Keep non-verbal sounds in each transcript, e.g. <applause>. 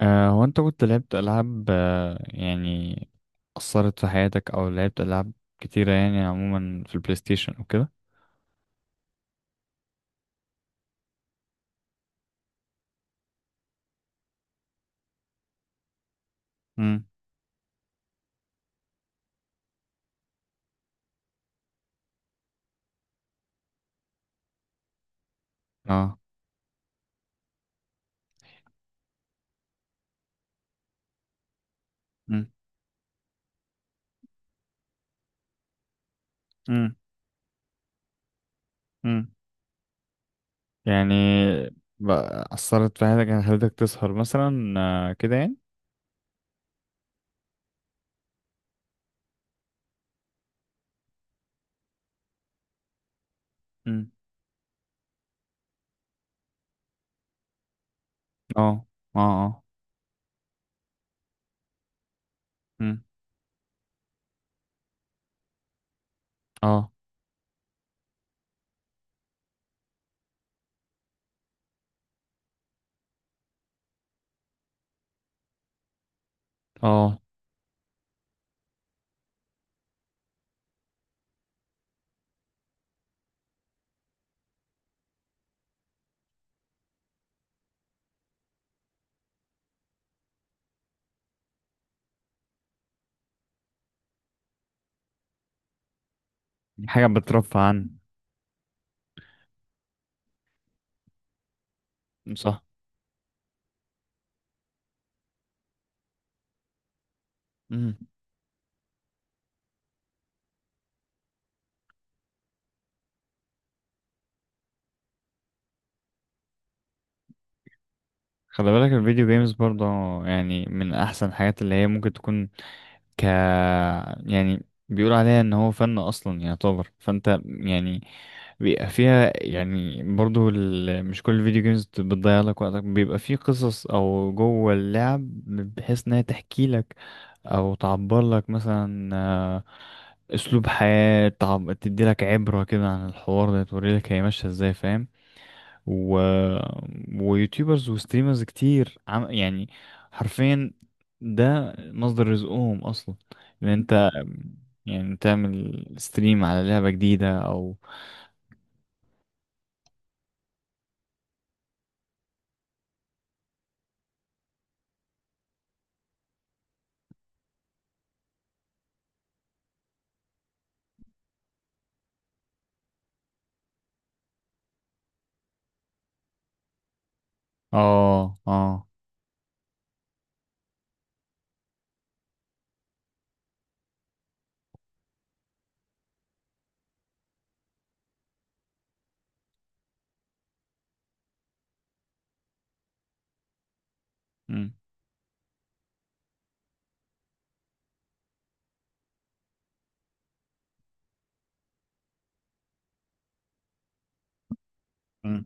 هو انت كنت لعبت ألعاب يعني أثرت في حياتك أو لعبت ألعاب كتيرة يعني عموما في البلاي ستيشن وكده. امم. اه. امم. امم. امم. يعني بقى أثرت في حياتك، يعني خلتك تسهر مثلا كده يعني. امم. اه. اه. امم. اه. امم. اه. اه. حاجة بترفع عن. صح. امم. خلي بالك الفيديو جيمز برضه يعني من أحسن الحاجات اللي هي ممكن تكون. ك. يعني بيقول عليها ان هو فن اصلا يعتبر، فانت يعني بيبقى فيها يعني برضو مش كل الفيديو جيمز بتضيع لك وقتك، بيبقى فيه قصص او جوه اللعب بحيث انها تحكي لك او تعبر لك مثلا اسلوب حياة تدي لك عبرة كده عن الحوار ده، توري لك هي ماشية ازاي فاهم. و... ويوتيوبرز وستريمرز كتير يعني حرفيا ده مصدر رزقهم اصلا، ان انت يعني تعمل ستريم على لعبة جديدة او. اه. اه. مم. مم.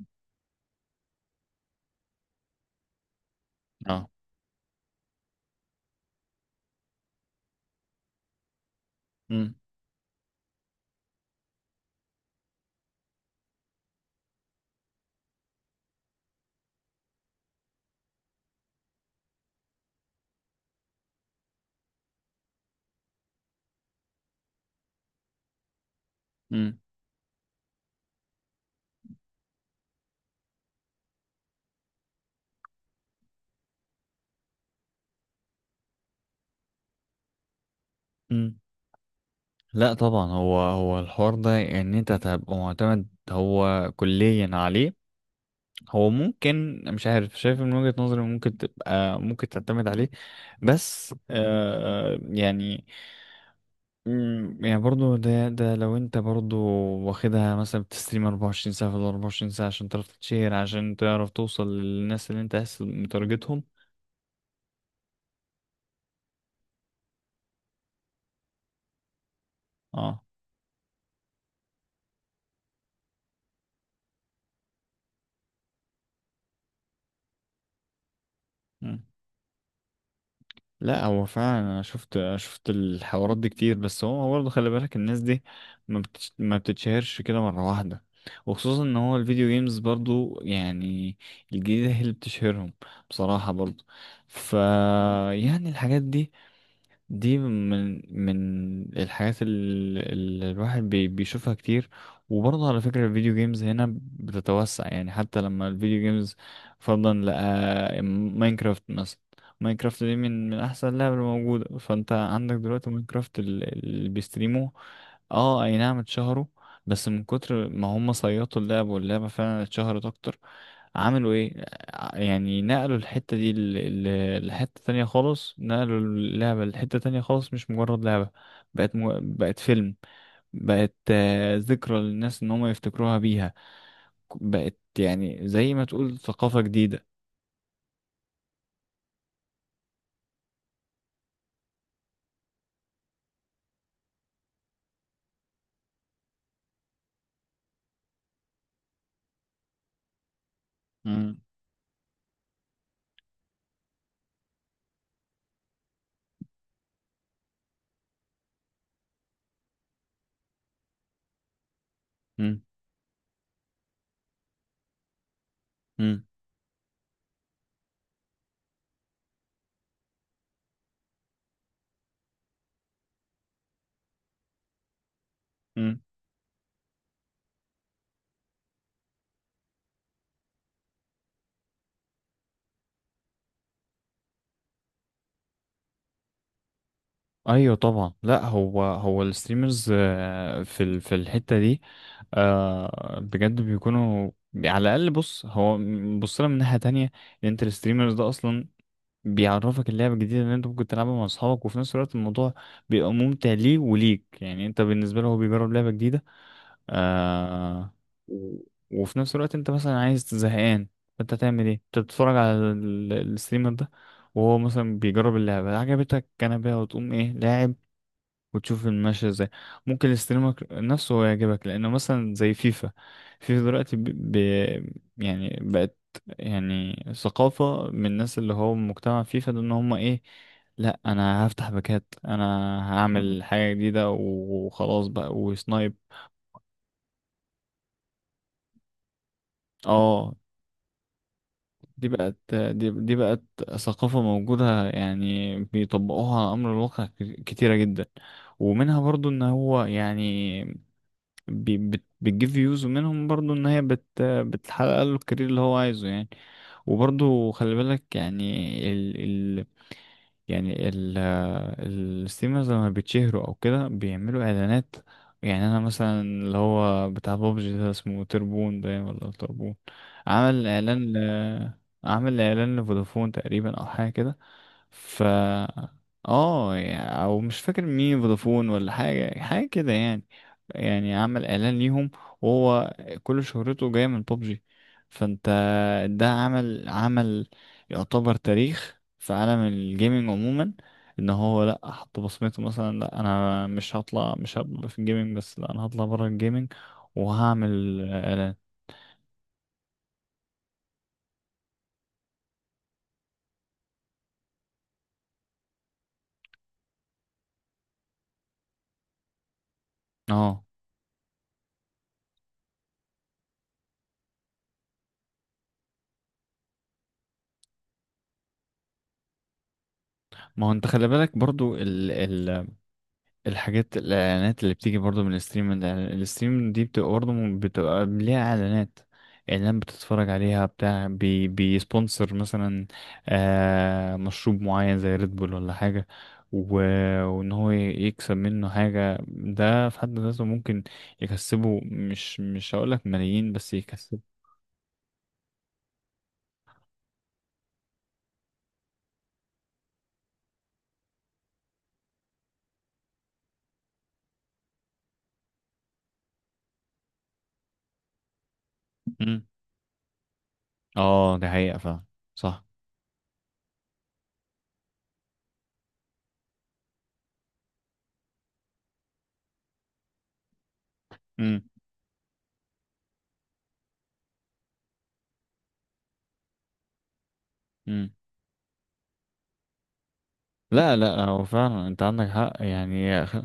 اه. مم. مم. مم. لا طبعا، هو الحوار ده ان انت تبقى معتمد هو كليا عليه، هو ممكن مش عارف شايف من وجهة نظري ممكن تبقى ممكن تعتمد عليه، بس يعني برضو ده لو انت برضو واخدها مثلا بتستريم 24 ساعة في ال 24 ساعة عشان تعرف تتشهر، عشان تعرف توصل للناس اللي انت عايز متارجتهم. اه. مم. لا هو فعلا انا شفت الحوارات دي كتير، بس هو برضه خلي بالك الناس دي ما بتتشهرش كده مرة واحدة، وخصوصا ان هو الفيديو جيمز برضو يعني الجديدة هي اللي بتشهرهم بصراحة برضو. ف يعني الحاجات دي، دي من الحاجات اللي الواحد بيشوفها كتير. وبرضه على فكرة الفيديو جيمز هنا بتتوسع، يعني حتى لما الفيديو جيمز فرضا لقى ماينكرافت مثلا. ماينكرافت دي من احسن اللعبة الموجودة، فانت عندك دلوقتي ماينكرافت اللي بيستريموه. اه اي نعم اتشهروا، بس من كتر ما هم صيطوا اللعبة واللعبة فعلا اتشهرت اكتر عملوا ايه، يعني نقلوا الحتة دي لحتة تانية خالص، نقلوا اللعبة لحتة تانية خالص مش مجرد لعبة، بقت فيلم، بقت ذكرى للناس ان هم يفتكروها بيها، بقت يعني زي ما تقول ثقافة جديدة. مم. مم. مم. مم. ايوه طبعا، لا هو الستريمرز في في الحته دي بجد بيكونوا على الاقل. بص، هو بص لها من ناحيه تانية، ان انت الستريمرز ده اصلا بيعرفك اللعبة الجديدة اللي انت ممكن تلعبها مع اصحابك، وفي نفس الوقت الموضوع بيبقى ممتع ليه وليك، يعني انت بالنسبة له هو بيجرب لعبة جديدة آه. و- وفي نفس الوقت انت مثلا عايز زهقان، فانت تعمل ايه، انت بتتفرج على الستريمر ده وهو مثلا بيجرب اللعبة، عجبتك كنبة وتقوم ايه لاعب وتشوف الماشية ازاي، ممكن يستلمك نفسه هو يعجبك لأنه مثلا زي فيفا. فيفا دلوقتي يعني بقت يعني ثقافة من الناس، اللي هو مجتمع فيفا ده ان هم ايه، لا انا هفتح باكات، انا هعمل حاجة جديدة وخلاص بقى وسنايب. اه دي بقت ثقافة موجودة، يعني بيطبقوها على أمر الواقع كتيرة جدا. ومنها برضو ان هو يعني بي بت بتجيب فيوز، ومنهم برضو ان هي بتحقق له الكارير اللي هو عايزه يعني. وبرضو خلي بالك يعني ال ال يعني الستريمرز لما بيتشهروا او كده بيعملوا اعلانات. يعني انا مثلا اللي هو بتاع بابجي ده اسمه تربون باين ولا تربون عمل اعلان ل عمل اعلان لفودافون تقريبا او حاجه كده ف اه او مش فاكر مين فودافون ولا حاجه كده يعني. يعني عمل اعلان ليهم وهو كل شهرته جايه من ببجي، فانت ده عمل يعتبر تاريخ في عالم الجيمنج عموما، ان هو لا حط بصمته مثلا، لا انا مش هطلع، مش هبقى في الجيمنج بس، لا انا هطلع بره الجيمنج وهعمل اعلان. اه ما هو انت خلي بالك برضو الحاجات الاعلانات اللي بتيجي برضو من الستريم، الستريم دي بتبقى برضو بتبقى ليها اعلانات اعلان بتتفرج عليها بتاع بيسبونسر مثلا مشروب معين زي ريد بول ولا حاجة. و... وان هو يكسب منه حاجة، ده في حد ذاته ممكن يكسبه، مش هقولك ملايين بس يكسب. مم. اه دي حقيقة فعلا. صح. مم. مم. لا لا هو فعلا انت عندك حق يعني يا أخي.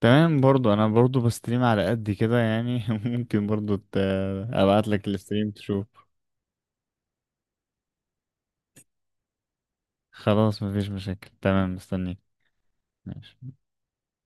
تمام، برضو انا برضو بستريم على قد كده يعني <laughs> ممكن برضو ابعت لك الستريم تشوف. خلاص مفيش مشاكل تمام مستنيك. ماشي